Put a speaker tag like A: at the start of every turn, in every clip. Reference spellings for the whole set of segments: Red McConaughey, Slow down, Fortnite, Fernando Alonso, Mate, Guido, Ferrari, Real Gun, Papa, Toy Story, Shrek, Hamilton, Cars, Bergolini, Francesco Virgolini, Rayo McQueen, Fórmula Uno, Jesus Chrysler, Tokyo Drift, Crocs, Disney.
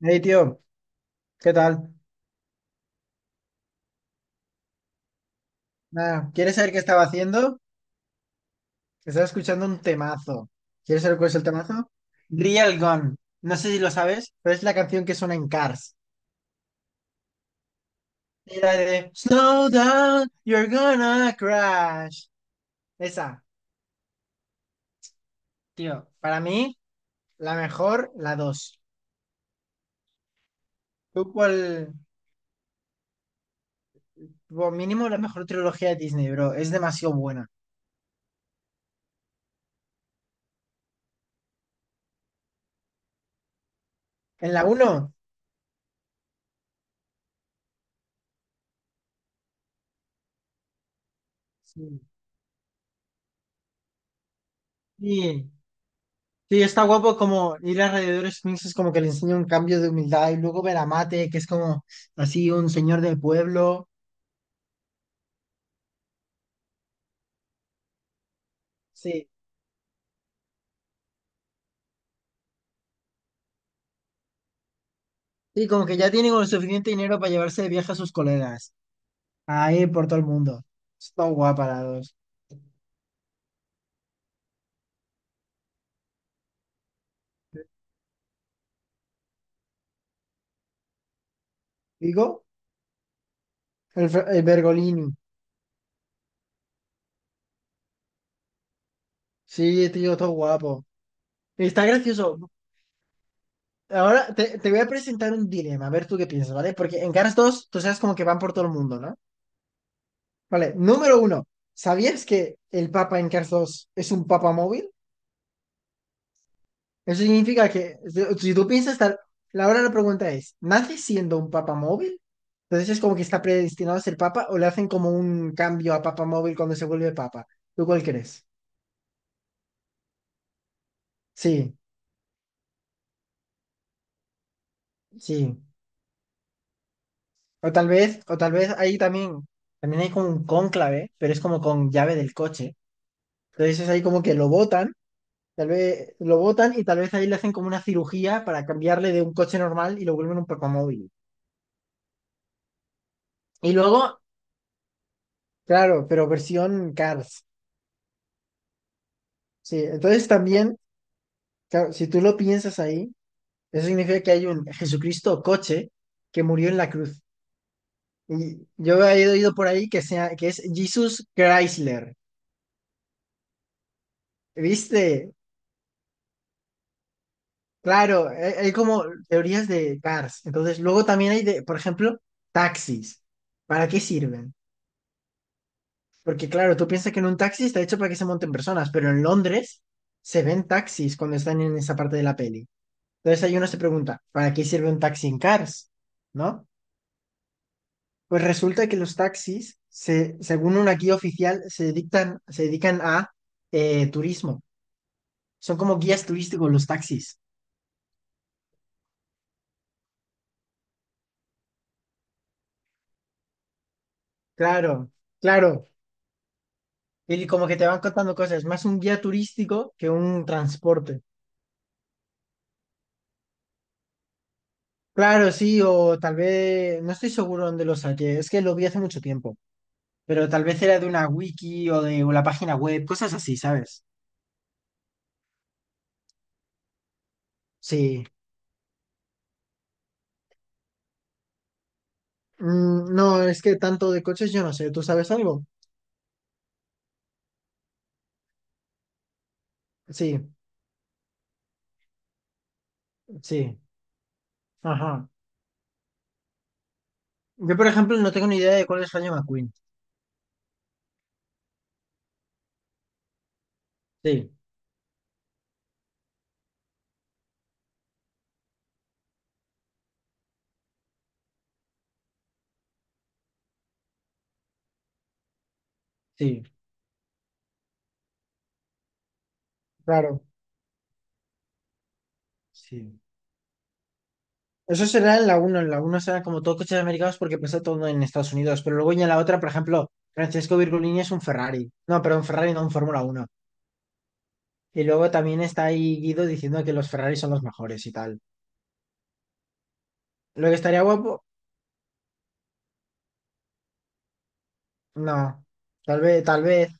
A: Hey, tío, ¿qué tal? Nada, ¿quieres saber qué estaba haciendo? Estaba escuchando un temazo. ¿Quieres saber cuál es el temazo? Real Gun. No sé si lo sabes, pero es la canción que suena en Cars. Era de Slow down, you're gonna crash. Esa, tío, para mí, la mejor, la 2. ¿Tú cuál? Como mínimo, la mejor trilogía de Disney, bro. Es demasiado buena. En la 1, sí. Sí. Sí, está guapo como ir a alrededores mixtos, como que le enseña un cambio de humildad y luego ver a Mate, que es como así un señor del pueblo. Sí, sí, como que ya tiene como suficiente dinero para llevarse de viaje a sus colegas, a ir por todo el mundo. Está guapa la dos. Digo, el Bergolini. Sí, tío, todo guapo. Está gracioso. Ahora te voy a presentar un dilema, a ver tú qué piensas, ¿vale? Porque en Cars 2, tú sabes como que van por todo el mundo, ¿no? Vale, número uno. ¿Sabías que el Papa en Cars 2 es un Papa móvil? Eso significa que si tú piensas estar, la hora de la pregunta es, ¿nace siendo un papa móvil? Entonces es como que está predestinado a ser papa o le hacen como un cambio a papa móvil cuando se vuelve papa. ¿Tú cuál crees? Sí, sí. O tal vez ahí también, también hay como un cónclave, pero es como con llave del coche. Entonces es ahí como que lo botan, tal vez lo botan y tal vez ahí le hacen como una cirugía para cambiarle de un coche normal y lo vuelven un papa móvil. Y luego, claro, pero versión Cars. Sí, entonces también. Claro, si tú lo piensas ahí, eso significa que hay un Jesucristo coche que murió en la cruz. Y yo he oído por ahí que, sea, que es Jesus Chrysler. ¿Viste? Claro, hay como teorías de cars. Entonces, luego también hay, de, por ejemplo, taxis. ¿Para qué sirven? Porque claro, tú piensas que en un taxi está hecho para que se monten personas, pero en Londres se ven taxis cuando están en esa parte de la peli. Entonces ahí uno se pregunta, ¿para qué sirve un taxi en Cars? ¿No? Pues resulta que los taxis, se, según una guía oficial, se dedican a turismo. Son como guías turísticos los taxis. Claro, claro. Y como que te van contando cosas, más un guía turístico que un transporte. Claro, sí, o tal vez, no estoy seguro dónde lo saqué, es que lo vi hace mucho tiempo, pero tal vez era de una wiki o de o la página web, cosas así, ¿sabes? Sí. No, es que tanto de coches yo no sé, ¿tú sabes algo? Sí, sí. Ajá. Yo, por ejemplo, no tengo ni idea de cuál es Rayo McQueen. Sí, sí, claro, sí. Eso será en la 1. En la 1 será como todo coches americanos porque pasa todo en Estados Unidos. Pero luego ya en la otra, por ejemplo, Francesco Virgolini es un Ferrari. No, pero un Ferrari, no un Fórmula Uno. Y luego también está ahí Guido diciendo que los Ferrari son los mejores y tal. Lo que estaría guapo, no. Tal vez, tal vez.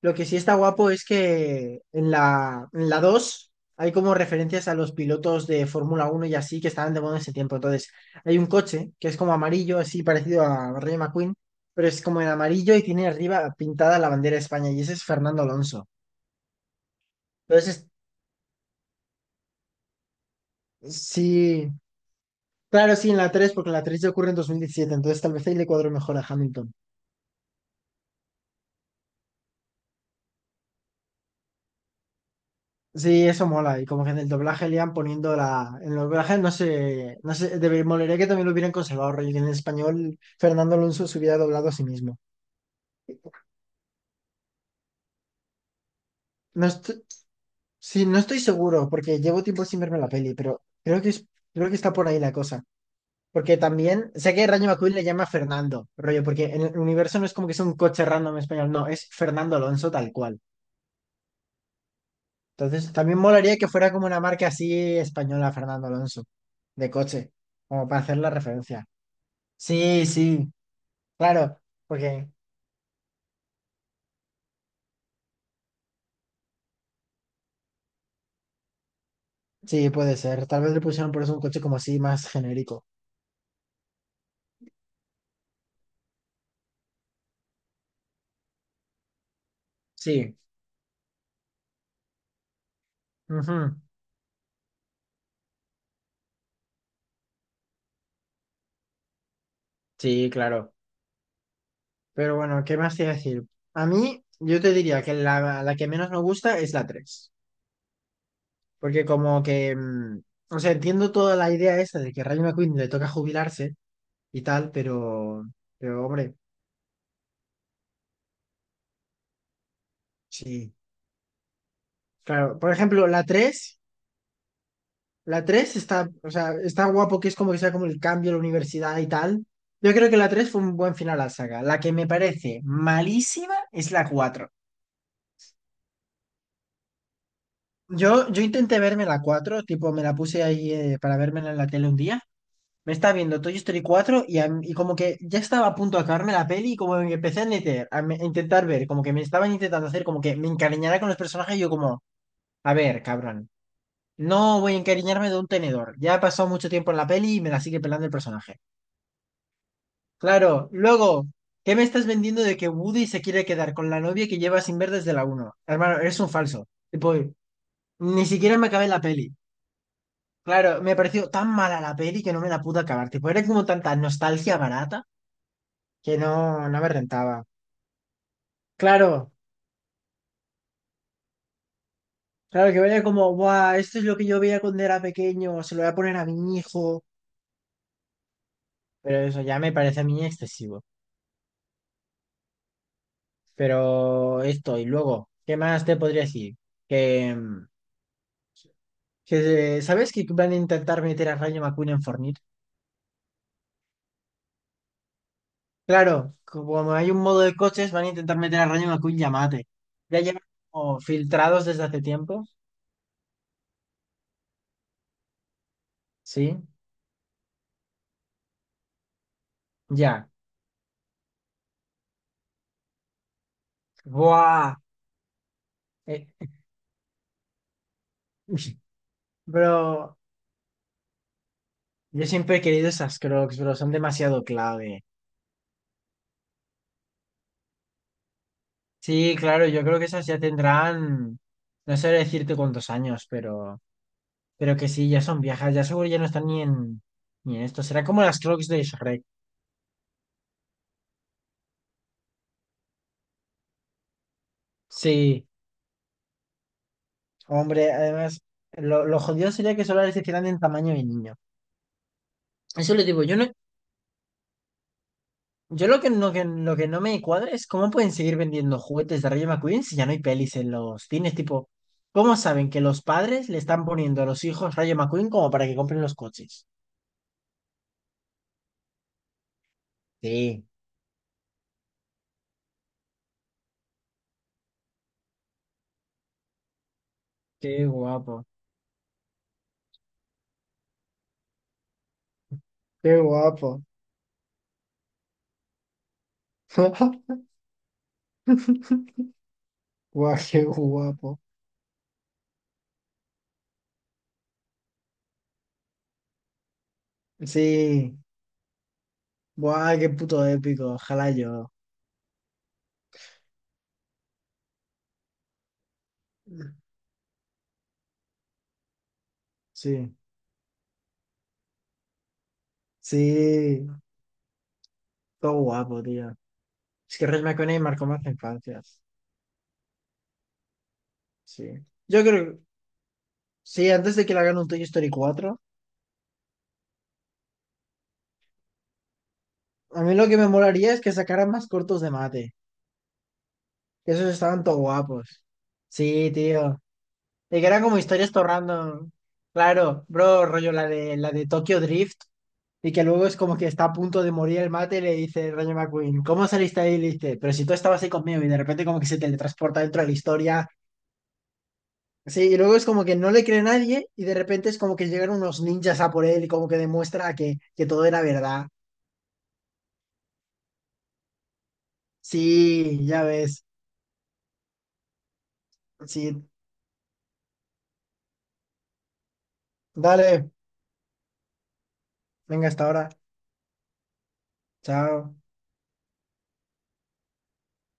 A: Lo que sí está guapo es que en la 2 hay como referencias a los pilotos de Fórmula uno y así que estaban de moda en ese tiempo. Entonces, hay un coche que es como amarillo, así parecido a Ray McQueen, pero es como en amarillo y tiene arriba pintada la bandera de España y ese es Fernando Alonso. Entonces, sí, claro, sí, en la 3 porque en la 3 ya ocurre en 2017, entonces tal vez ahí le cuadro mejor a Hamilton. Sí, eso mola. Y como que en el doblaje le iban poniendo la. En el doblaje no sé. No sé. De... Molaría que también lo hubieran conservado. Rollo, que en español, Fernando Alonso se hubiera doblado a sí mismo. No estoy... Sí, no estoy seguro, porque llevo tiempo sin verme la peli, pero creo que es... creo que está por ahí la cosa. Porque también. Sé que Rayo McQueen le llama Fernando, rollo, porque en el universo no es como que es un coche random en español, no, es Fernando Alonso tal cual. Entonces, también molaría que fuera como una marca así española, Fernando Alonso, de coche, como para hacer la referencia. Sí, sí, claro, porque sí, puede ser. Tal vez le pusieron por eso un coche como así más genérico. Sí, ujú, sí, claro. Pero bueno, ¿qué más te iba a decir? A mí, yo te diría que la que menos me gusta es la 3, porque como que, o sea, entiendo toda la idea esta de que Rayo McQueen le toca jubilarse y tal, pero hombre, sí. Claro, por ejemplo, la tres. La 3 está, o sea, está guapo que es como que sea como el cambio de la universidad y tal. Yo creo que la 3 fue un buen final a la saga. La que me parece malísima es la cuatro. Yo intenté verme la 4 tipo, me la puse ahí para vérmela en la tele un día. Me estaba viendo Toy Story 4 y, y como que ya estaba a punto de acabarme la peli y como que empecé a, meter, a intentar ver, como que me estaban intentando hacer como que me encariñara con los personajes y yo como, a ver, cabrón, no voy a encariñarme de un tenedor. Ya ha pasado mucho tiempo en la peli y me la sigue pelando el personaje. Claro, luego, ¿qué me estás vendiendo de que Woody se quiere quedar con la novia que lleva sin ver desde la uno? Hermano, eres un falso. Tipo, ni siquiera me acabé la peli. Claro, me pareció tan mala la peli que no me la pude acabar. Tipo, era como tanta nostalgia barata que no, no me rentaba. Claro, claro, que vaya como, guau, esto es lo que yo veía cuando era pequeño, se lo voy a poner a mi hijo. Pero eso ya me parece a mí excesivo. Pero esto, y luego, ¿qué más te podría decir? Que... ¿sabes que van a intentar meter a Rayo McQueen en Fortnite? Claro, como hay un modo de coches, van a intentar meter a Rayo McQueen y a Mate. Ya llevan como filtrados desde hace tiempo. Sí, ya. ¡Buah! Eh, bro, yo siempre he querido esas Crocs, bro, son demasiado clave. Sí, claro, yo creo que esas ya tendrán, no sé decirte cuántos años, pero que sí, ya son viejas, ya seguro ya no están ni en, ni en esto. Será como las Crocs de Shrek. Sí. Hombre, además, lo jodido sería que solo les hicieran en tamaño de niño. Eso le digo, yo lo que no, que, lo que no me cuadra es cómo pueden seguir vendiendo juguetes de Rayo McQueen si ya no hay pelis en los cines, tipo, ¿cómo saben que los padres le están poniendo a los hijos Rayo McQueen como para que compren los coches? Sí, qué guapo, qué guapo. Guau, qué guapo. Sí, guau, qué puto épico, ojalá yo. Sí, sí, todo guapo, tío. Es que Red McConaughey marcó más infancias. Sí. Yo creo, sí, antes de que le hagan un Toy Story 4, a mí lo que me molaría es que sacaran más cortos de mate. Que esos estaban todo guapos. Sí, tío. Y que eran como historias todo random. Claro, bro, rollo la de Tokyo Drift. Y que luego es como que está a punto de morir el mate y le dice Rayo McQueen, ¿cómo saliste ahí? Y le dice, pero si tú estabas ahí conmigo y de repente como que se teletransporta dentro de la historia. Sí, y luego es como que no le cree nadie y de repente es como que llegan unos ninjas a por él y como que demuestra que todo era verdad. Sí, ya ves. Sí, dale. Venga, hasta ahora. Chao.